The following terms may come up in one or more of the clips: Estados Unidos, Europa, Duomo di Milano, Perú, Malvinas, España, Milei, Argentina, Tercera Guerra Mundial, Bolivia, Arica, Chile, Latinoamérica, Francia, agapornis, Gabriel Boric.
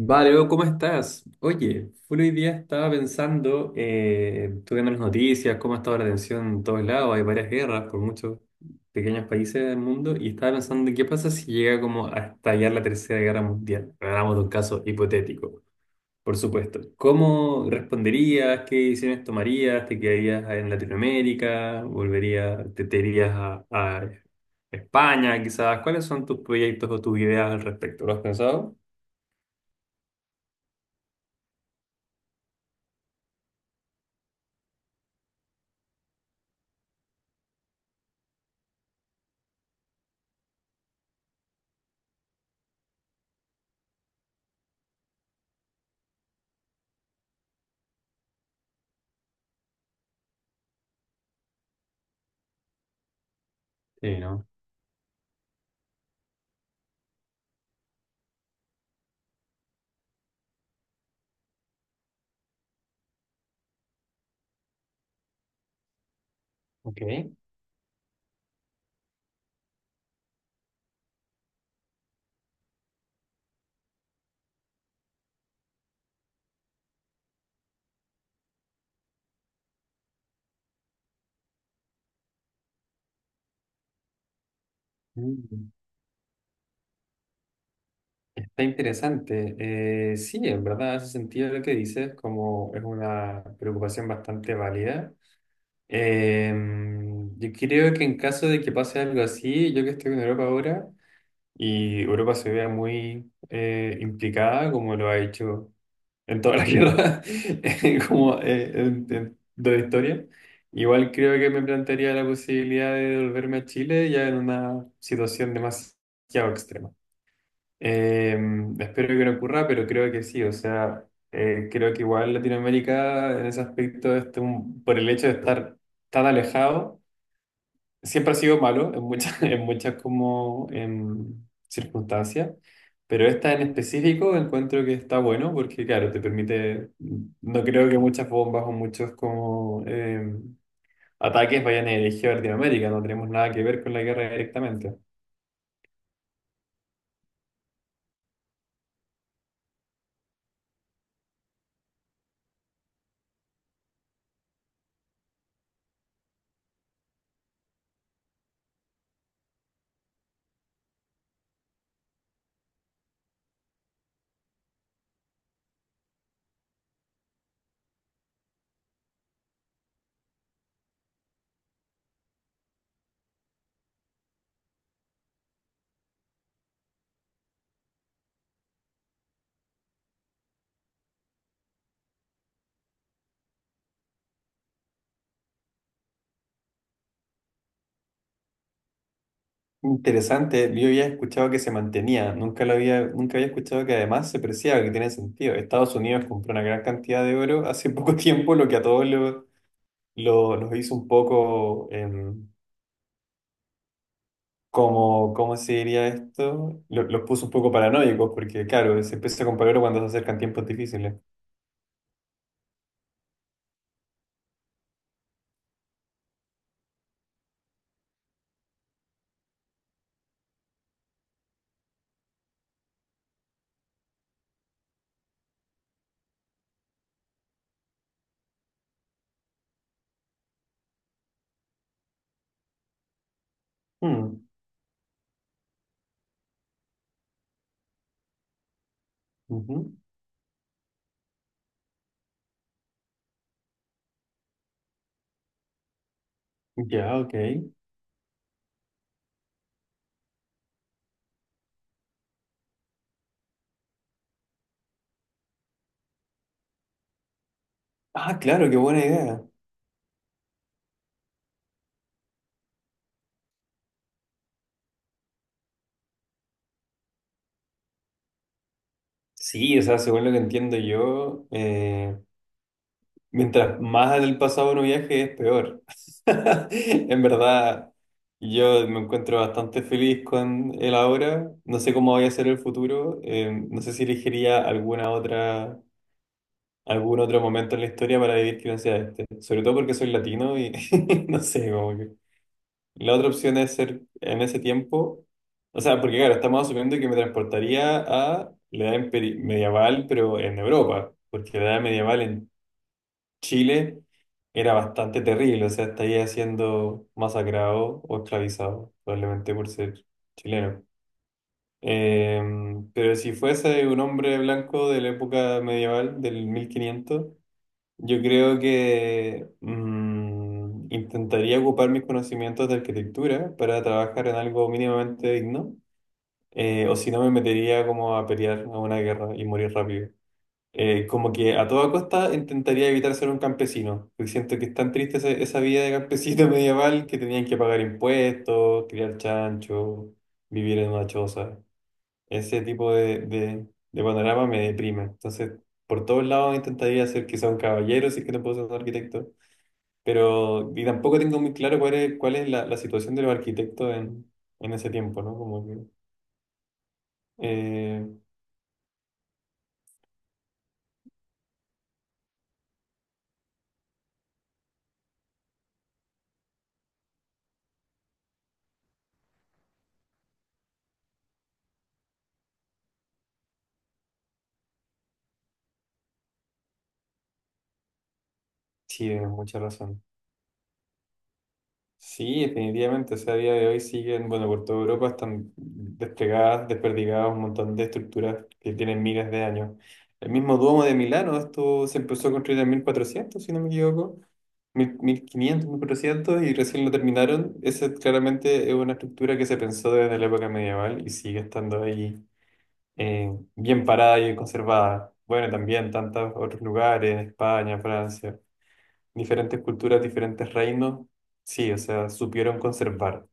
Vale, Leo, ¿cómo estás? Oye, full hoy día estaba pensando, estuve viendo las noticias, cómo ha estado la tensión en todos lados, hay varias guerras por muchos pequeños países del mundo, y estaba pensando, ¿qué pasa si llega como a estallar la Tercera Guerra Mundial? Hablamos de un caso hipotético, por supuesto. ¿Cómo responderías? ¿Qué decisiones tomarías? ¿Te quedarías en Latinoamérica? ¿Volverías, te irías a España quizás? ¿Cuáles son tus proyectos o tus ideas al respecto? ¿Lo has pensado? Sí, ¿no? Ok. Mm. Está interesante. Sí, en verdad, ese sentido lo que dices como es una preocupación bastante válida. Eh, yo creo que en caso de que pase algo así, yo que estoy en Europa ahora y Europa se vea muy implicada, como lo ha hecho en toda la guerra, como de la historia, igual creo que me plantearía la posibilidad de volverme a Chile ya en una situación demasiado extrema. Eh, Espero que no ocurra, pero creo que sí. O sea, creo que igual Latinoamérica en ese aspecto, por el hecho de estar tan alejado, siempre ha sido malo en muchas, en muchas como circunstancias. Pero esta en específico encuentro que está bueno porque, claro, te permite, no creo que muchas bombas o muchos como ataques vayan dirigidos a Latinoamérica, no tenemos nada que ver con la guerra directamente. Interesante, yo había escuchado que se mantenía, nunca lo había, nunca había escuchado que además se preciaba, que tiene sentido. Estados Unidos compró una gran cantidad de oro hace poco tiempo, lo que a todos los hizo un poco, como, ¿cómo se diría esto? Los puso un poco paranoicos, porque claro, se empieza a comprar oro cuando se acercan tiempos difíciles. Hmm. Ujú. Ya, ok. Ah, claro, qué buena idea. Sí, o sea, según lo que entiendo yo, mientras más en el pasado uno viaje, es peor. En verdad, yo me encuentro bastante feliz con el ahora. No sé cómo vaya a ser el futuro. No sé si elegiría algún otro momento en la historia para vivir que no sea este. Sobre todo porque soy latino y no sé, como que. La otra opción es ser en ese tiempo. O sea, porque claro, estamos asumiendo que me transportaría a la edad medieval, pero en Europa. Porque la edad medieval en Chile era bastante terrible, o sea, estaría siendo masacrado o esclavizado, probablemente por ser chileno. Eh, pero si fuese un hombre blanco de la época medieval, del 1500, yo creo que intentaría ocupar mis conocimientos de arquitectura para trabajar en algo mínimamente digno, o si no me metería como a pelear a una guerra y morir rápido. Como que a toda costa intentaría evitar ser un campesino, porque siento que es tan triste esa vida de campesino medieval que tenían que pagar impuestos, criar chancho, vivir en una choza. Ese tipo de panorama me deprime. Entonces, por todos lados intentaría ser quizá un caballero, si es que no puedo ser un arquitecto, pero y tampoco tengo muy claro cuál es la situación de los arquitectos en ese tiempo, ¿no? Como que, eh, sí, tienes mucha razón. Sí, definitivamente, o sea, a día de hoy siguen, bueno, por toda Europa están desplegadas, desperdigadas un montón de estructuras que tienen miles de años. El mismo Duomo de Milano, esto se empezó a construir en 1400, si no me equivoco, 1500, 1400, y recién lo terminaron. Esa claramente es una estructura que se pensó desde la época medieval y sigue estando ahí bien parada y conservada. Bueno, también tantos otros lugares, España, Francia, diferentes culturas, diferentes reinos, sí, o sea, supieron conservar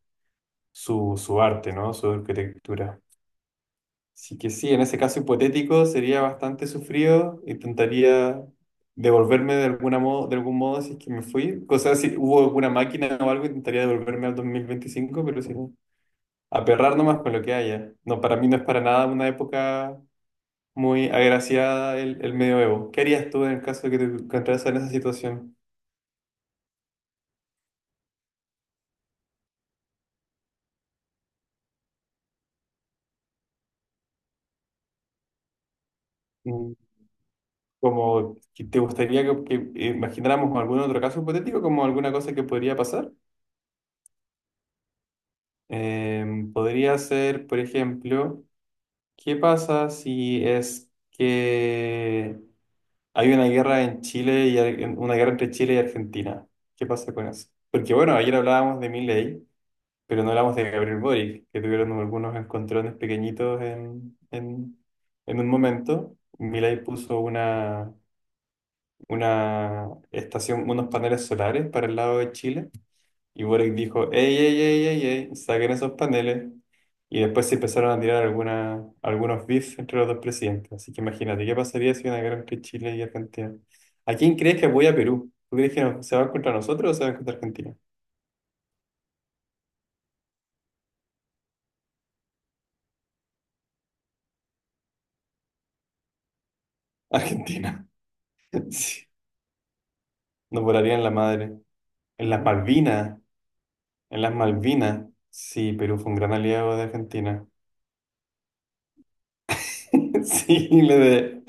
su arte, ¿no? Su arquitectura. Así que sí, en ese caso hipotético sería bastante sufrido, intentaría devolverme de algún modo si es que me fui. O sea, si hubo alguna máquina o algo, intentaría devolverme al 2025, pero si no, aperrar nomás con lo que haya. No, para mí no es para nada una época muy agraciada el medioevo. ¿Qué harías tú en el caso de que te encontraras en esa situación? Mm. Como, que ¿te gustaría que imagináramos algún otro caso hipotético, como alguna cosa que podría pasar? Podría ser, por ejemplo, ¿qué pasa si es que hay una guerra en Chile y una guerra entre Chile y Argentina? ¿Qué pasa con eso? Porque bueno, ayer hablábamos de Milei, pero no hablamos de Gabriel Boric, que tuvieron algunos encontrones pequeñitos en un momento. Milei puso una estación, unos paneles solares para el lado de Chile. Y Boric dijo, ey, ey, ey, ey, ey, saquen esos paneles. Y después se empezaron a tirar algunos beef entre los dos presidentes. Así que imagínate, ¿qué pasaría si hubiera una guerra entre Chile y Argentina? ¿A quién crees que apoya a Perú? ¿Tú crees que se va contra nosotros o se va contra Argentina? Argentina. Sí. Nos volarían la madre. En las Malvinas. En las Malvinas. Sí, Perú fue un gran aliado de Argentina. Sí,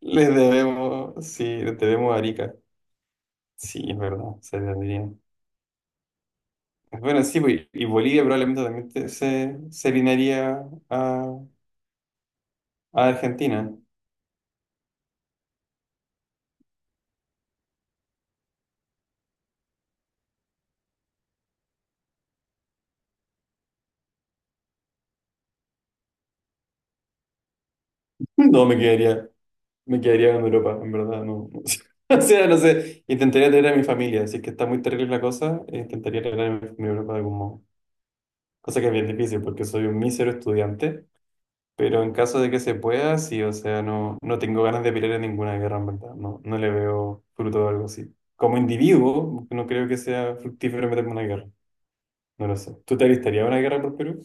le debemos, sí, le debemos a Arica. Sí, es verdad, se debería. Bueno, sí, pues, y Bolivia probablemente también se alinearía a, a Argentina. No, me quedaría en Europa, en verdad, no. No sé. O sea, no sé, intentaría tener a mi familia, así que está muy terrible la cosa, intentaría tener a mi familia en Europa de algún modo. Cosa que es bien difícil porque soy un mísero estudiante. Pero en caso de que se pueda, sí, o sea, no, no tengo ganas de pelear en ninguna guerra, en verdad. No, no le veo fruto a algo así. Como individuo, no creo que sea fructífero meterme en una guerra. No lo sé. ¿Tú te alistarías a una guerra por Perú?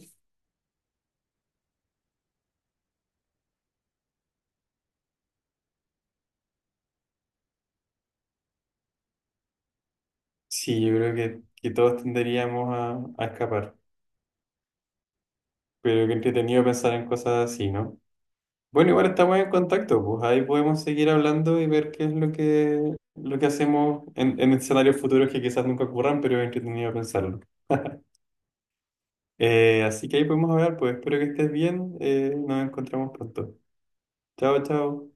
Sí, yo creo que todos tenderíamos a escapar. Pero qué entretenido pensar en cosas así, ¿no? Bueno, igual estamos en contacto, pues ahí podemos seguir hablando y ver qué es lo que hacemos en escenarios futuros que quizás nunca ocurran, pero es entretenido pensarlo. Así que ahí podemos hablar, pues espero que estés bien. Nos encontramos pronto. Chao, chao.